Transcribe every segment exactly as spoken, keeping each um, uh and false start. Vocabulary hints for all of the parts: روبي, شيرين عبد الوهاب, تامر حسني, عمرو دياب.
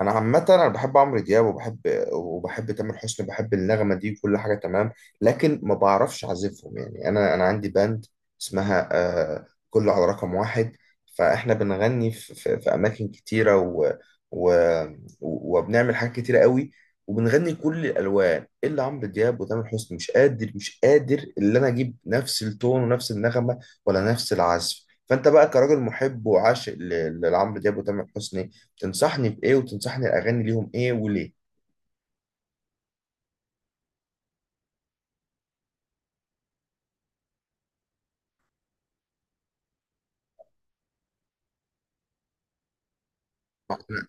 انا عامه انا بحب عمرو دياب وبحب وبحب تامر حسني بحب النغمه دي وكل حاجه تمام. لكن ما بعرفش اعزفهم، يعني انا انا عندي باند اسمها آه كله على رقم واحد. فاحنا بنغني في, في, في اماكن كتيره و و وبنعمل حاجات كتيره قوي، وبنغني كل الالوان الا عمرو دياب وتامر حسني. مش قادر مش قادر ان انا اجيب نفس التون ونفس النغمه ولا نفس العزف. فانت بقى كراجل محب وعاشق ل- لعمرو دياب وتامر حسني، تنصحني بإيه وتنصحني أغاني ليهم إيه وليه؟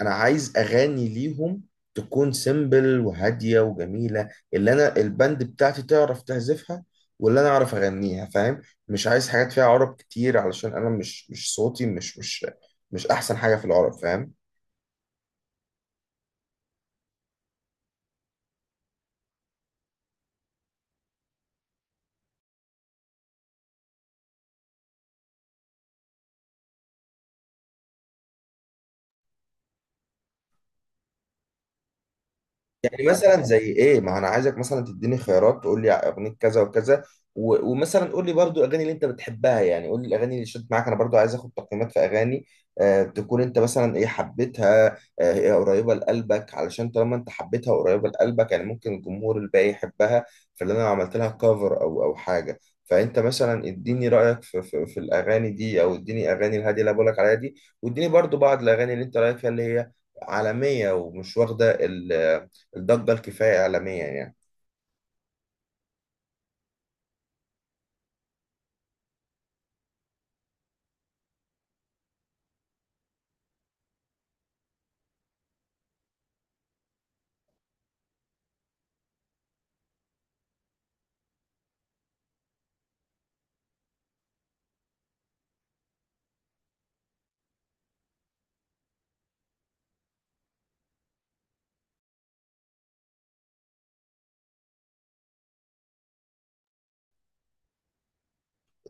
أنا عايز أغاني ليهم تكون سيمبل وهادية وجميلة، اللي أنا البند بتاعتي تعرف تعزفها واللي أنا أعرف أغنيها، فاهم؟ مش عايز حاجات فيها عرب كتير، علشان أنا مش مش صوتي مش مش مش أحسن حاجة في العرب، فاهم؟ يعني مثلا زي ايه، ما انا عايزك مثلا تديني خيارات، تقول لي اغنيه كذا وكذا، و- ومثلا قول لي برضو الاغاني اللي انت بتحبها، يعني قول لي الاغاني اللي شدت معاك. انا برضو عايز اخد تقييمات في اغاني آه، تكون انت مثلا ايه حبيتها، آه هي قريبه لقلبك. علشان طالما انت حبيتها وقريبه لقلبك، يعني ممكن الجمهور الباقي يحبها، فاللي انا عملت لها كفر او او حاجه. فانت مثلا اديني رايك في, في, في الاغاني دي، او اديني اغاني الهاديه اللي أنا بقولك عليها دي، واديني برضو بعض الاغاني اللي انت رايك فيها اللي هي عالميه ومش واخده الضجة الكفاية إعلاميا يعني.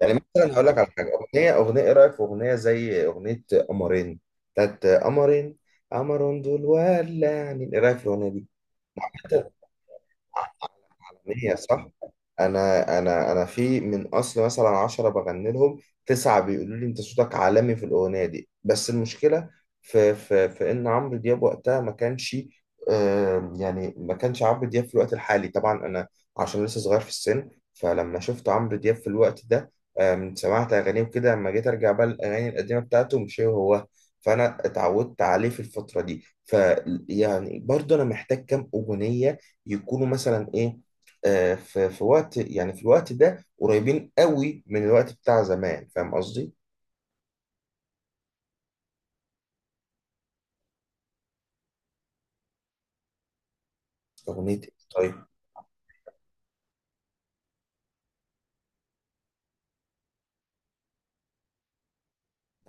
يعني صح، مثلا هقول لك على صح حاجة، أغنية أغنية إيه رأيك في أغنية زي أغنية قمرين، بتاعت قمرين قمر دول ولعني، إيه رأيك في الأغنية دي؟ عالمية صح؟ انا انا انا في من اصل مثلا عشرة بغني لهم، تسعة بيقولوا لي انت صوتك عالمي في الاغنية دي. بس المشكلة في في في ان عمرو دياب وقتها ما كانش، آم، يعني ما كانش عمرو دياب في الوقت الحالي. طبعا انا عشان لسه صغير في السن، فلما شفت عمرو دياب في الوقت ده، آم، سمعت اغانيه كده، لما جيت ارجع بقى الاغاني القديمة بتاعته مش هو هو. فانا اتعودت عليه في الفترة دي، ف يعني برضه انا محتاج كام اغنية يكونوا مثلا ايه، آه، في في وقت، يعني في الوقت ده قريبين قوي من الوقت بتاع زمان، فاهم قصدي؟ اغنيه إيه؟ طيب.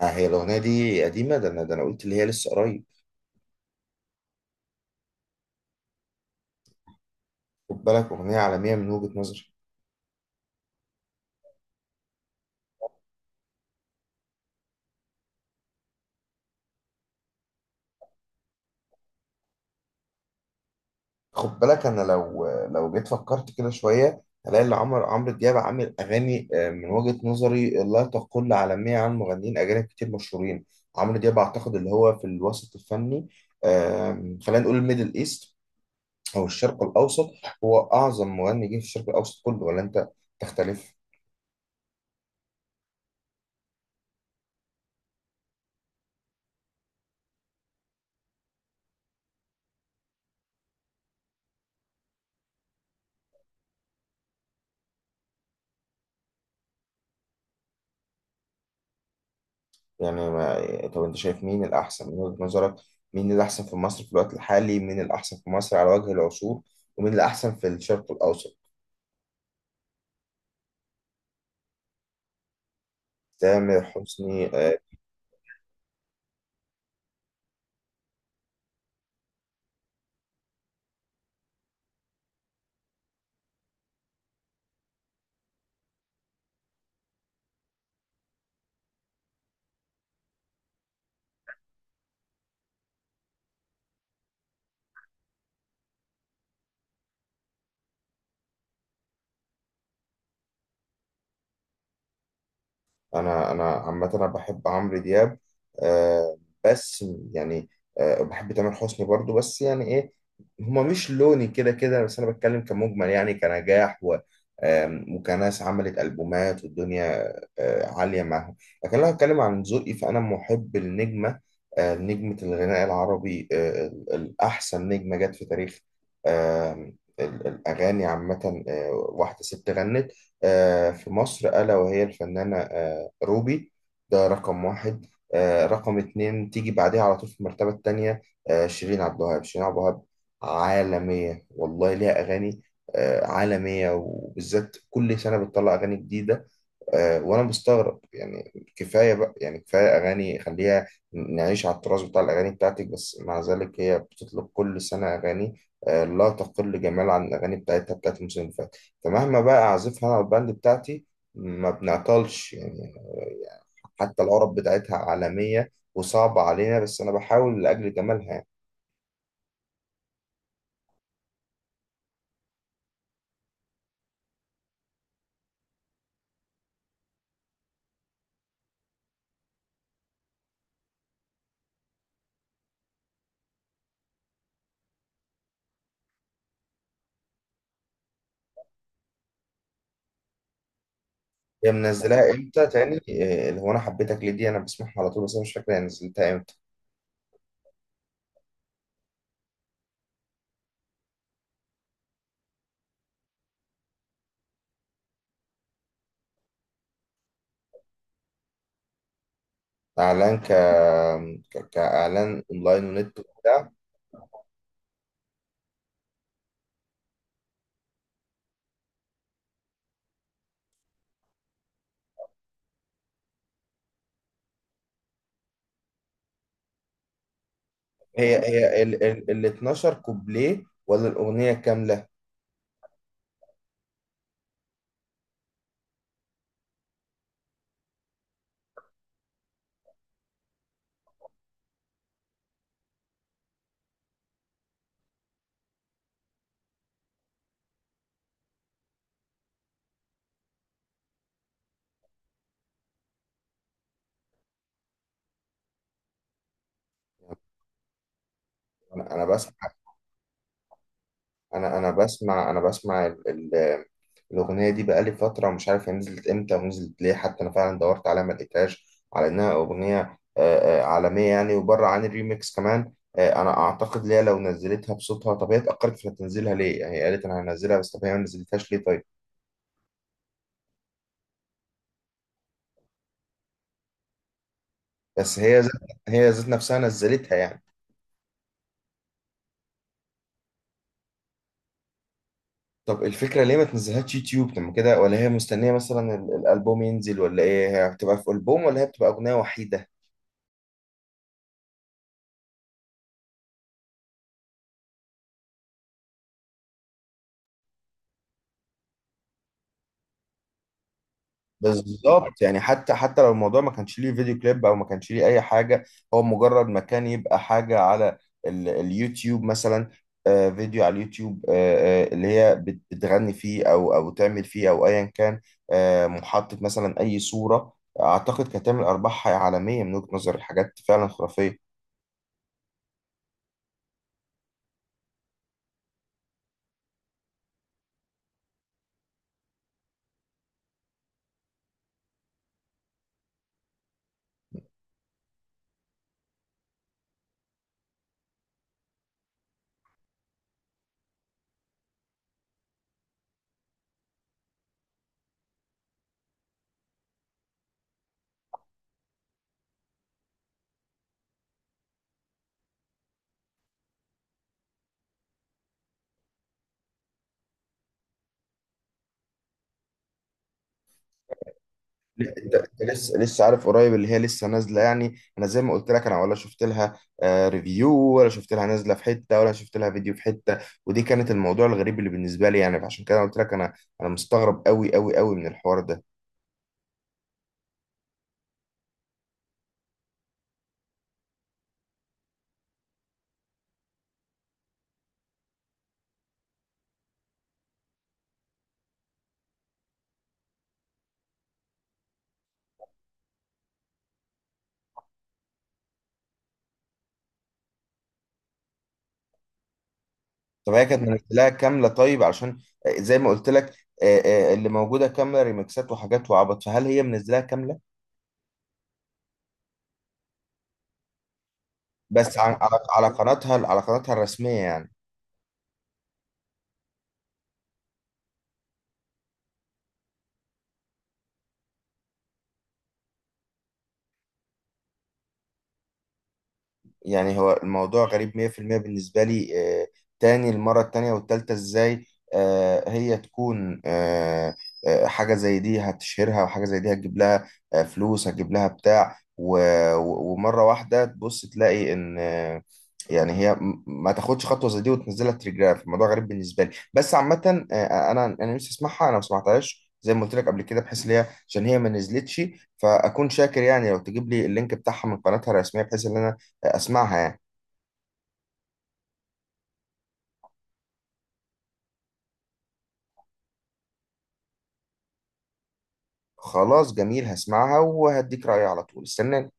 آه، هي الاغنيه دي قديمه، ده انا ده انا قلت اللي هي لسه قريب. خد بالك اغنيه عالميه من وجهه نظري. خد بالك، انا لو لو جيت فكرت كده شويه، هلاقي ان عمرو عمرو دياب عامل اغاني، آه، من وجهه نظري، لا تقل عالميه عن مغنيين اجانب كتير مشهورين. عمرو دياب اعتقد اللي هو في الوسط الفني، آم، خلينا نقول الميدل ايست، هو الشرق الأوسط، هو أعظم مغني جه في الشرق الأوسط كله، ولا أنت تختلف؟ يعني ما... طب أنت شايف مين الأحسن من وجهة نظرك؟ مين الأحسن في مصر في الوقت الحالي؟ مين الأحسن في مصر على وجه العصور؟ ومين الأحسن في الشرق الأوسط؟ تامر حسني آه. انا انا عامه انا بحب عمرو دياب، آه، بس يعني آه، بحب تامر حسني برضو. بس يعني ايه، هما مش لوني كده كده. بس انا بتكلم كمجمل، يعني كنجاح و آم، وكناس عملت البومات والدنيا آه عاليه معاهم. لكن لو هتكلم عن ذوقي، فانا محب النجمه، آه، نجمه الغناء العربي، آه ال- الاحسن نجمه جت في تاريخ، آم، ال- الاغاني عامه، آه، واحده ست غنت آه في مصر، ألا وهي الفنانة آه روبي. ده رقم واحد. آه، رقم اتنين تيجي بعدها على طول في المرتبة التانية، آه، شيرين عبد الوهاب. شيرين عبد الوهاب عالمية والله، ليها أغاني آه عالمية، وبالذات كل سنة بتطلع أغاني جديدة. آه، وانا مستغرب، يعني كفايه بقى يعني كفايه اغاني، خليها نعيش على التراث بتاع الاغاني بتاعتك. بس مع ذلك هي بتطلق كل سنه اغاني، آه، لا تقل جمال عن الاغاني بتاعتها بتاعت الموسم اللي فات. فمهما بقى اعزفها انا والباند بتاعتي، ما بنعطلش يعني، آه، حتى العرب بتاعتها عالميه وصعبه علينا، بس انا بحاول لاجل جمالها يعني. هي منزلاها امتى تاني؟ آه، اللي هو انا حبيتك ليه دي انا بسمعها على طول، بس انا مش فاكر هي نزلتها امتى. اعلان ك، ك- كاعلان اونلاين ونت وبتاع؟ هي هي ال ال ال اتناشر كوبليه ولا الاغنيه كامله؟ انا انا بسمع انا انا بسمع، انا بسمع ال ال الاغنيه دي بقالي فتره، ومش عارف هي نزلت امتى ونزلت ليه. حتى انا فعلا دورت عليها ما لقيتهاش، على انها اغنيه آه، آه، عالميه يعني، وبره عن الريميكس كمان. آه، انا اعتقد ليها لو نزلتها بصوتها. طب هي اتاخرت في تنزيلها ليه؟ يعني هي قالت انا هنزلها، بس طب هي ما نزلتهاش ليه؟ طيب. بس هي ذات هي ذات نفسها نزلتها يعني؟ طب الفكرة ليه ما تنزلهاش يوتيوب؟ طب ما كده، ولا هي مستنية مثلا ال- الألبوم ينزل، ولا إيه؟ هي بتبقى في ألبوم ولا هي بتبقى أغنية وحيدة؟ بالظبط، يعني حتى حتى لو الموضوع ما كانش ليه فيديو كليب، أو ما كانش ليه أي حاجة، هو مجرد مكان يبقى حاجة على ال اليوتيوب مثلا، آه، فيديو على اليوتيوب، آه آه اللي هي بت- بتغني فيه، أو أو تعمل فيه، أو أيا كان، آه، محطة مثلا، أي صورة. أعتقد كانت تعمل أرباح عالمية من وجهة نظر الحاجات فعلا خرافية. لا، انت انت لسه لسه عارف قريب اللي هي لسه نازله، يعني انا زي ما قلت لك انا ولا شفت لها آه ريفيو، ولا شفت لها نازله في حته، ولا شفت لها فيديو في حته. ودي كانت الموضوع الغريب اللي بالنسبه لي يعني. فعشان كده قلت لك انا انا مستغرب قوي قوي قوي من الحوار ده. طب هي كانت منزلاها كامله؟ طيب علشان، آه، زي ما قلت لك، آه، آه، اللي موجوده كامله ريمكسات وحاجات وعبط، فهل هي منزلاها كامله؟ بس على على على قناتها، على قناتها الرسميه يعني؟ يعني هو الموضوع غريب مية في المية بالنسبة لي. آه، تاني المرة التانية والتالتة ازاي آه هي تكون، آه، آه، حاجة زي دي هتشهرها، وحاجة زي دي هتجيب لها آه فلوس، هتجيب لها بتاع، و- و- ومرة واحدة تبص تلاقي ان، آه، يعني هي م- ما تاخدش خطوة زي دي وتنزلها تليجراف؟ الموضوع غريب بالنسبة لي، بس عامة آه انا انا نفسي اسمعها، انا ما سمعتهاش زي ما قلت لك قبل كده، بحيث ان هي عشان هي ما نزلتش. فاكون شاكر يعني لو تجيب لي اللينك بتاعها من قناتها الرسمية، بحيث ان انا اسمعها يعني. خلاص جميل، هسمعها وهديك رأيي على طول، استناني.